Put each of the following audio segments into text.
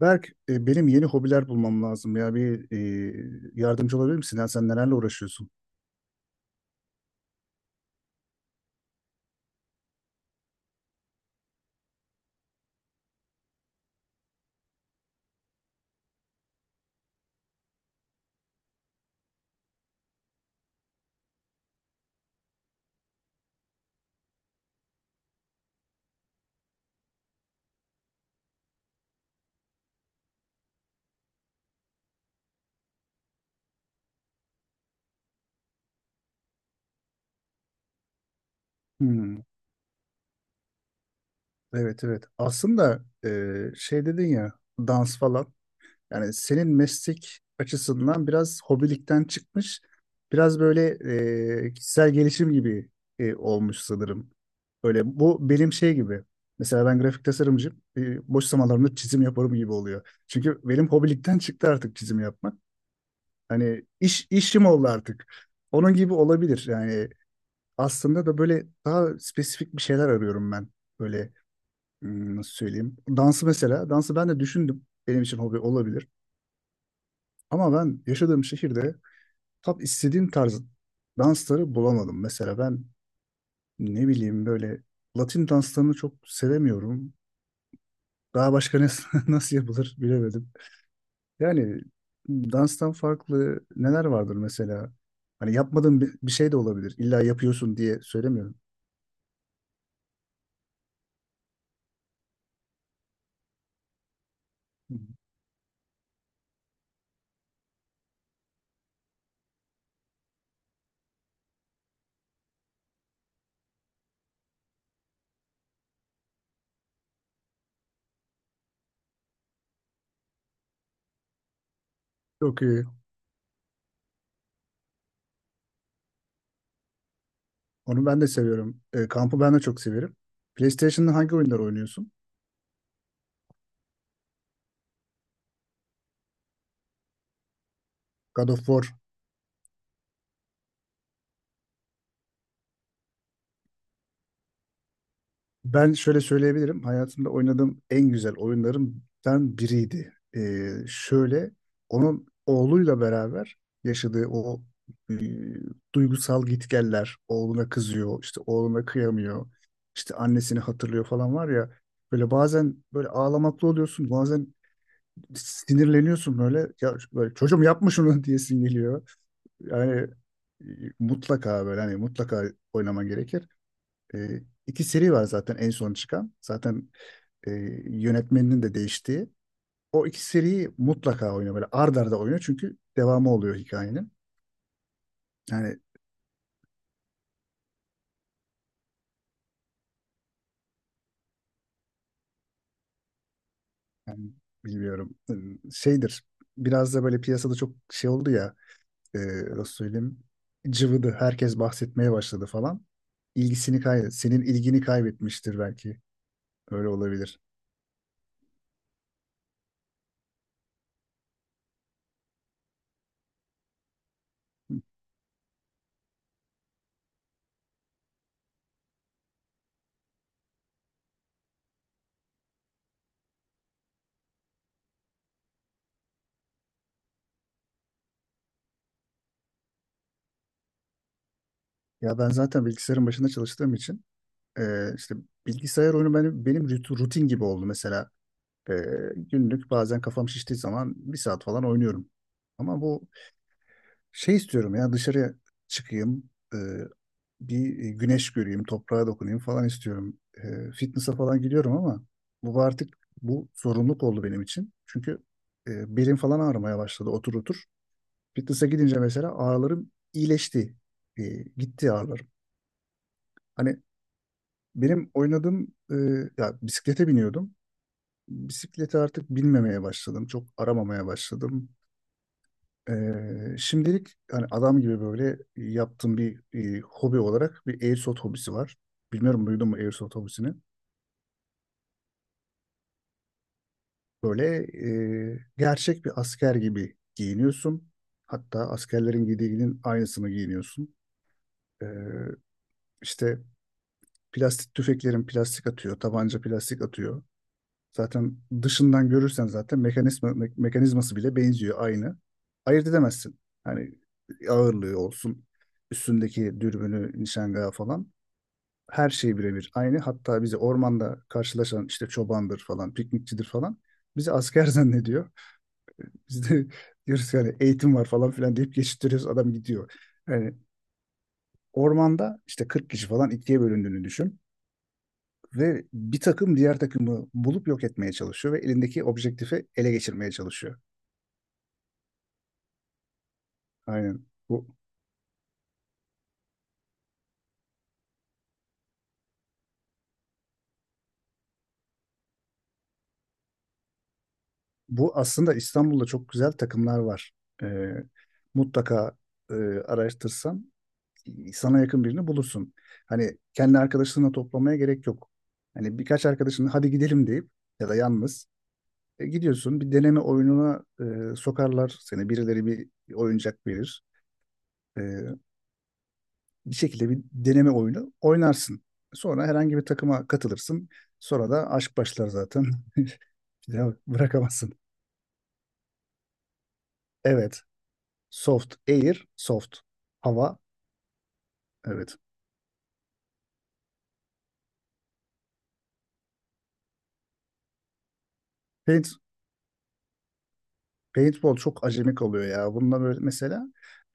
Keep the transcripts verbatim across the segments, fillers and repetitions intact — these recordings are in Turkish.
Berk, e, benim yeni hobiler bulmam lazım ya. Bir e, yardımcı olabilir misin? Ya sen nelerle uğraşıyorsun? Hmm, evet evet. Aslında e, şey dedin ya, dans falan. Yani senin meslek açısından biraz hobilikten çıkmış. Biraz böyle e, kişisel gelişim gibi e, olmuş sanırım. Öyle, bu benim şey gibi. Mesela ben grafik tasarımcıyım. E, boş zamanlarımda çizim yaparım gibi oluyor. Çünkü benim hobilikten çıktı artık çizim yapmak. Hani iş işim oldu artık. Onun gibi olabilir. Yani aslında da böyle daha spesifik bir şeyler arıyorum ben. Böyle, hmm, nasıl söyleyeyim? Dansı mesela. Dansı ben de düşündüm. Benim için hobi olabilir. Ama ben yaşadığım şehirde tam istediğim tarz dansları bulamadım. Mesela ben, ne bileyim, böyle Latin danslarını çok sevemiyorum. Daha başka ne- nasıl yapılır bilemedim. Yani danstan farklı neler vardır mesela? Hani yapmadığın bir, bir şey de olabilir. İlla yapıyorsun diye söylemiyorum. Hı hı. Çok iyi. Onu ben de seviyorum. E, kampı ben de çok severim. PlayStation'da hangi oyunlar oynuyorsun? God of War. Ben şöyle söyleyebilirim. Hayatımda oynadığım en güzel oyunlarımdan biriydi. Ee, şöyle, onun oğluyla beraber yaşadığı o e, duygusal gitgeller, oğluna kızıyor, işte oğluna kıyamıyor, işte annesini hatırlıyor falan var ya. Böyle bazen böyle ağlamaklı oluyorsun, bazen sinirleniyorsun böyle. Ya, böyle çocuğum yapma şunu diyesin geliyor. Yani e, mutlaka, böyle hani, mutlaka oynaman gerekir. E, iki seri var zaten en son çıkan. Zaten e, yönetmeninin de değiştiği. O iki seriyi mutlaka oynuyor, böyle ard arda oynuyor, çünkü devamı oluyor hikayenin. Yani, yani bilmiyorum, e, şeydir, biraz da böyle piyasada çok şey oldu ya, e, nasıl söyleyeyim, cıvıdı, herkes bahsetmeye başladı falan. İlgisini kaybet, senin ilgini kaybetmiştir belki. Öyle olabilir. Ya ben zaten bilgisayarın başında çalıştığım için e, işte bilgisayar oyunu benim, benim rutin gibi oldu mesela. Ee, Günlük bazen kafam şiştiği zaman bir saat falan oynuyorum. Ama bu, şey istiyorum ya, dışarıya çıkayım, e, bir güneş göreyim, toprağa dokunayım falan istiyorum. E, fitness'a falan gidiyorum ama bu artık bu zorunluluk oldu benim için. Çünkü e, belim falan ağrımaya başladı otur otur. Fitness'a gidince mesela ağrılarım iyileşti. E, gitti ağrılarım. Hani benim oynadığım, e, ya, bisiklete biniyordum. Bisiklete artık binmemeye başladım. Çok aramamaya başladım. Ee, şimdilik hani adam gibi böyle yaptığım bir e, hobi olarak, bir airsoft hobisi var. Bilmiyorum, duydun mu airsoft hobisini? Böyle e, gerçek bir asker gibi giyiniyorsun. Hatta askerlerin giydiğinin aynısını giyiniyorsun. Ee, işte plastik tüfeklerin plastik atıyor, tabanca plastik atıyor. Zaten dışından görürsen zaten mekanizma, me- mekanizması bile benziyor aynı. Ayırt edemezsin. Hani ağırlığı olsun, üstündeki dürbünü, nişangahı falan, her şey birebir aynı. Hatta bizi ormanda karşılaşan işte çobandır falan, piknikçidir falan, bizi asker zannediyor. Biz de diyoruz ki hani eğitim var falan filan deyip geçiştiriyoruz, adam gidiyor. Yani ormanda işte kırk kişi falan ikiye bölündüğünü düşün, ve bir takım diğer takımı bulup yok etmeye çalışıyor ve elindeki objektifi ele geçirmeye çalışıyor. Aynen. Bu bu aslında, İstanbul'da çok güzel takımlar var. Ee, mutlaka, e, araştırsan sana yakın birini bulursun. Hani kendi arkadaşlarına toplamaya gerek yok. Hani birkaç arkadaşın hadi gidelim deyip, ya da yalnız e, gidiyorsun. Bir deneme oyununa e, sokarlar seni. Birileri bir oyuncak verir. E, bir şekilde bir deneme oyunu oynarsın. Sonra herhangi bir takıma katılırsın. Sonra da aşk başlar zaten. Bir daha bırakamazsın. Evet. Soft. Air. Soft. Hava. Evet. Paint Paintball çok acemi kalıyor ya. Bununla böyle mesela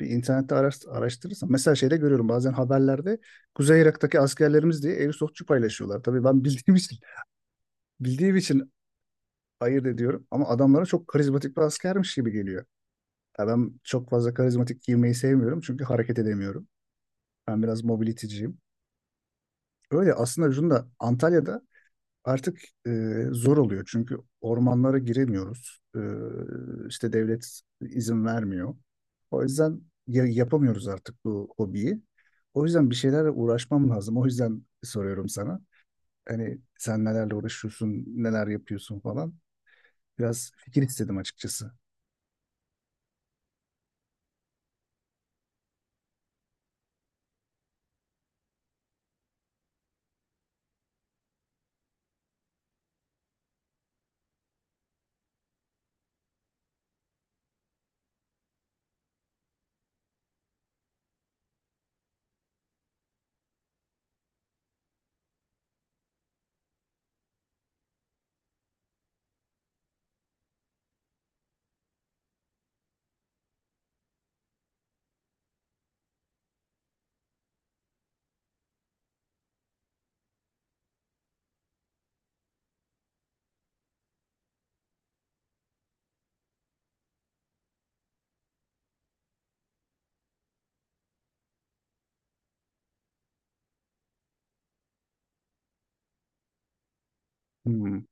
bir internette araş, araştırırsan, mesela şeyde görüyorum bazen haberlerde, Kuzey Irak'taki askerlerimiz diye airsoftçu paylaşıyorlar. Tabii ben bildiğim için bildiğim için ayırt ediyorum ama adamlara çok karizmatik bir askermiş gibi geliyor. Ya ben çok fazla karizmatik giymeyi sevmiyorum çünkü hareket edemiyorum. Ben biraz mobility'ciyim. Öyle. Aslında şunu da, Antalya'da artık e, zor oluyor çünkü ormanlara giremiyoruz. E, işte devlet izin vermiyor. O yüzden ya- yapamıyoruz artık bu hobiyi. O yüzden bir şeylerle uğraşmam lazım. O yüzden soruyorum sana. Hani sen nelerle uğraşıyorsun, neler yapıyorsun falan. Biraz fikir istedim açıkçası. Hmm.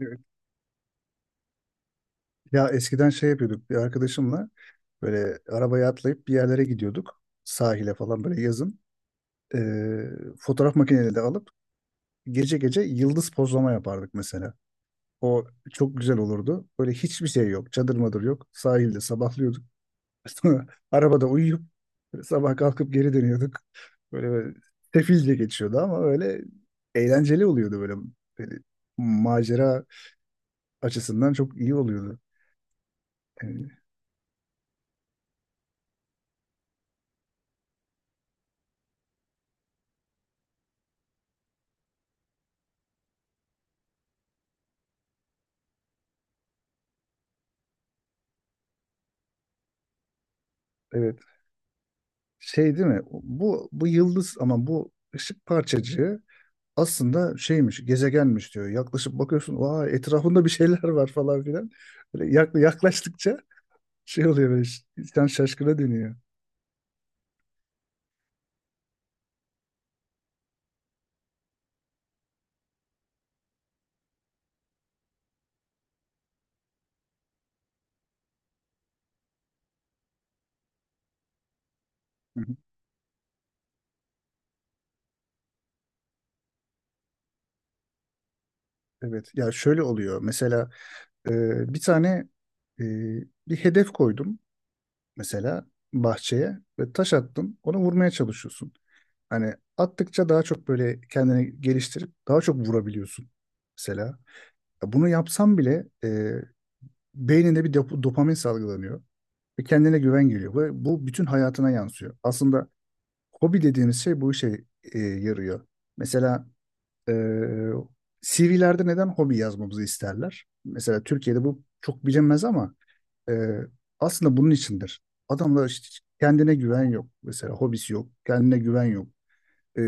Evet. Ya eskiden şey yapıyorduk bir arkadaşımla, böyle arabaya atlayıp bir yerlere gidiyorduk. Sahile falan, böyle yazın. E, fotoğraf makineleri de alıp gece gece yıldız pozlama yapardık mesela. O çok güzel olurdu. Böyle hiçbir şey yok. Çadır madır yok. Sahilde sabahlıyorduk. Arabada uyuyup sabah kalkıp geri dönüyorduk. Böyle, böyle sefilce geçiyordu ama öyle eğlenceli oluyordu böyle. Böyle macera açısından çok iyi oluyordu. Yani, evet. Şey değil mi? Bu bu yıldız ama, bu ışık parçacığı aslında şeymiş, gezegenmiş diyor. Yaklaşıp bakıyorsun, vay, etrafında bir şeyler var falan filan. Böyle yak- yaklaştıkça şey oluyor böyle, ş- insan şaşkına dönüyor. Hı hı. Evet, ya şöyle oluyor mesela, e, bir tane e, bir hedef koydum mesela bahçeye ve taş attım, onu vurmaya çalışıyorsun. Hani attıkça daha çok böyle kendini geliştirip daha çok vurabiliyorsun mesela. Ya, bunu yapsam bile e, beyninde bir dop- dopamin salgılanıyor. Ve kendine güven geliyor. Ve bu bütün hayatına yansıyor. Aslında hobi dediğimiz şey bu işe e, yarıyor. Mesela e, C V'lerde neden hobi yazmamızı isterler? Mesela Türkiye'de bu çok bilinmez ama e, aslında bunun içindir. Adamlar işte, kendine güven yok. Mesela hobisi yok. Kendine güven yok. E,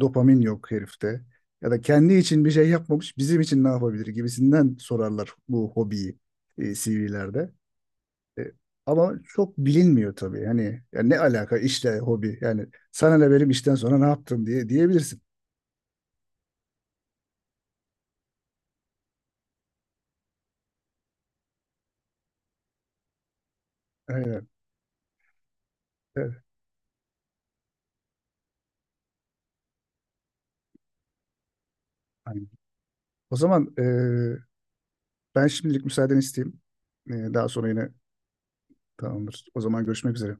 dopamin yok herifte. Ya da kendi için bir şey yapmamış, bizim için ne yapabilir gibisinden sorarlar bu hobiyi e, C V'lerde. E, Ama çok bilinmiyor tabii. Hani, ya ne alaka işle hobi? Yani sana ne benim işten sonra ne yaptım diye diyebilirsin. Aynen. Evet, aynen. O zaman e, ben şimdilik müsaadeni isteyeyim. E, daha sonra yine, tamamdır. O zaman görüşmek üzere.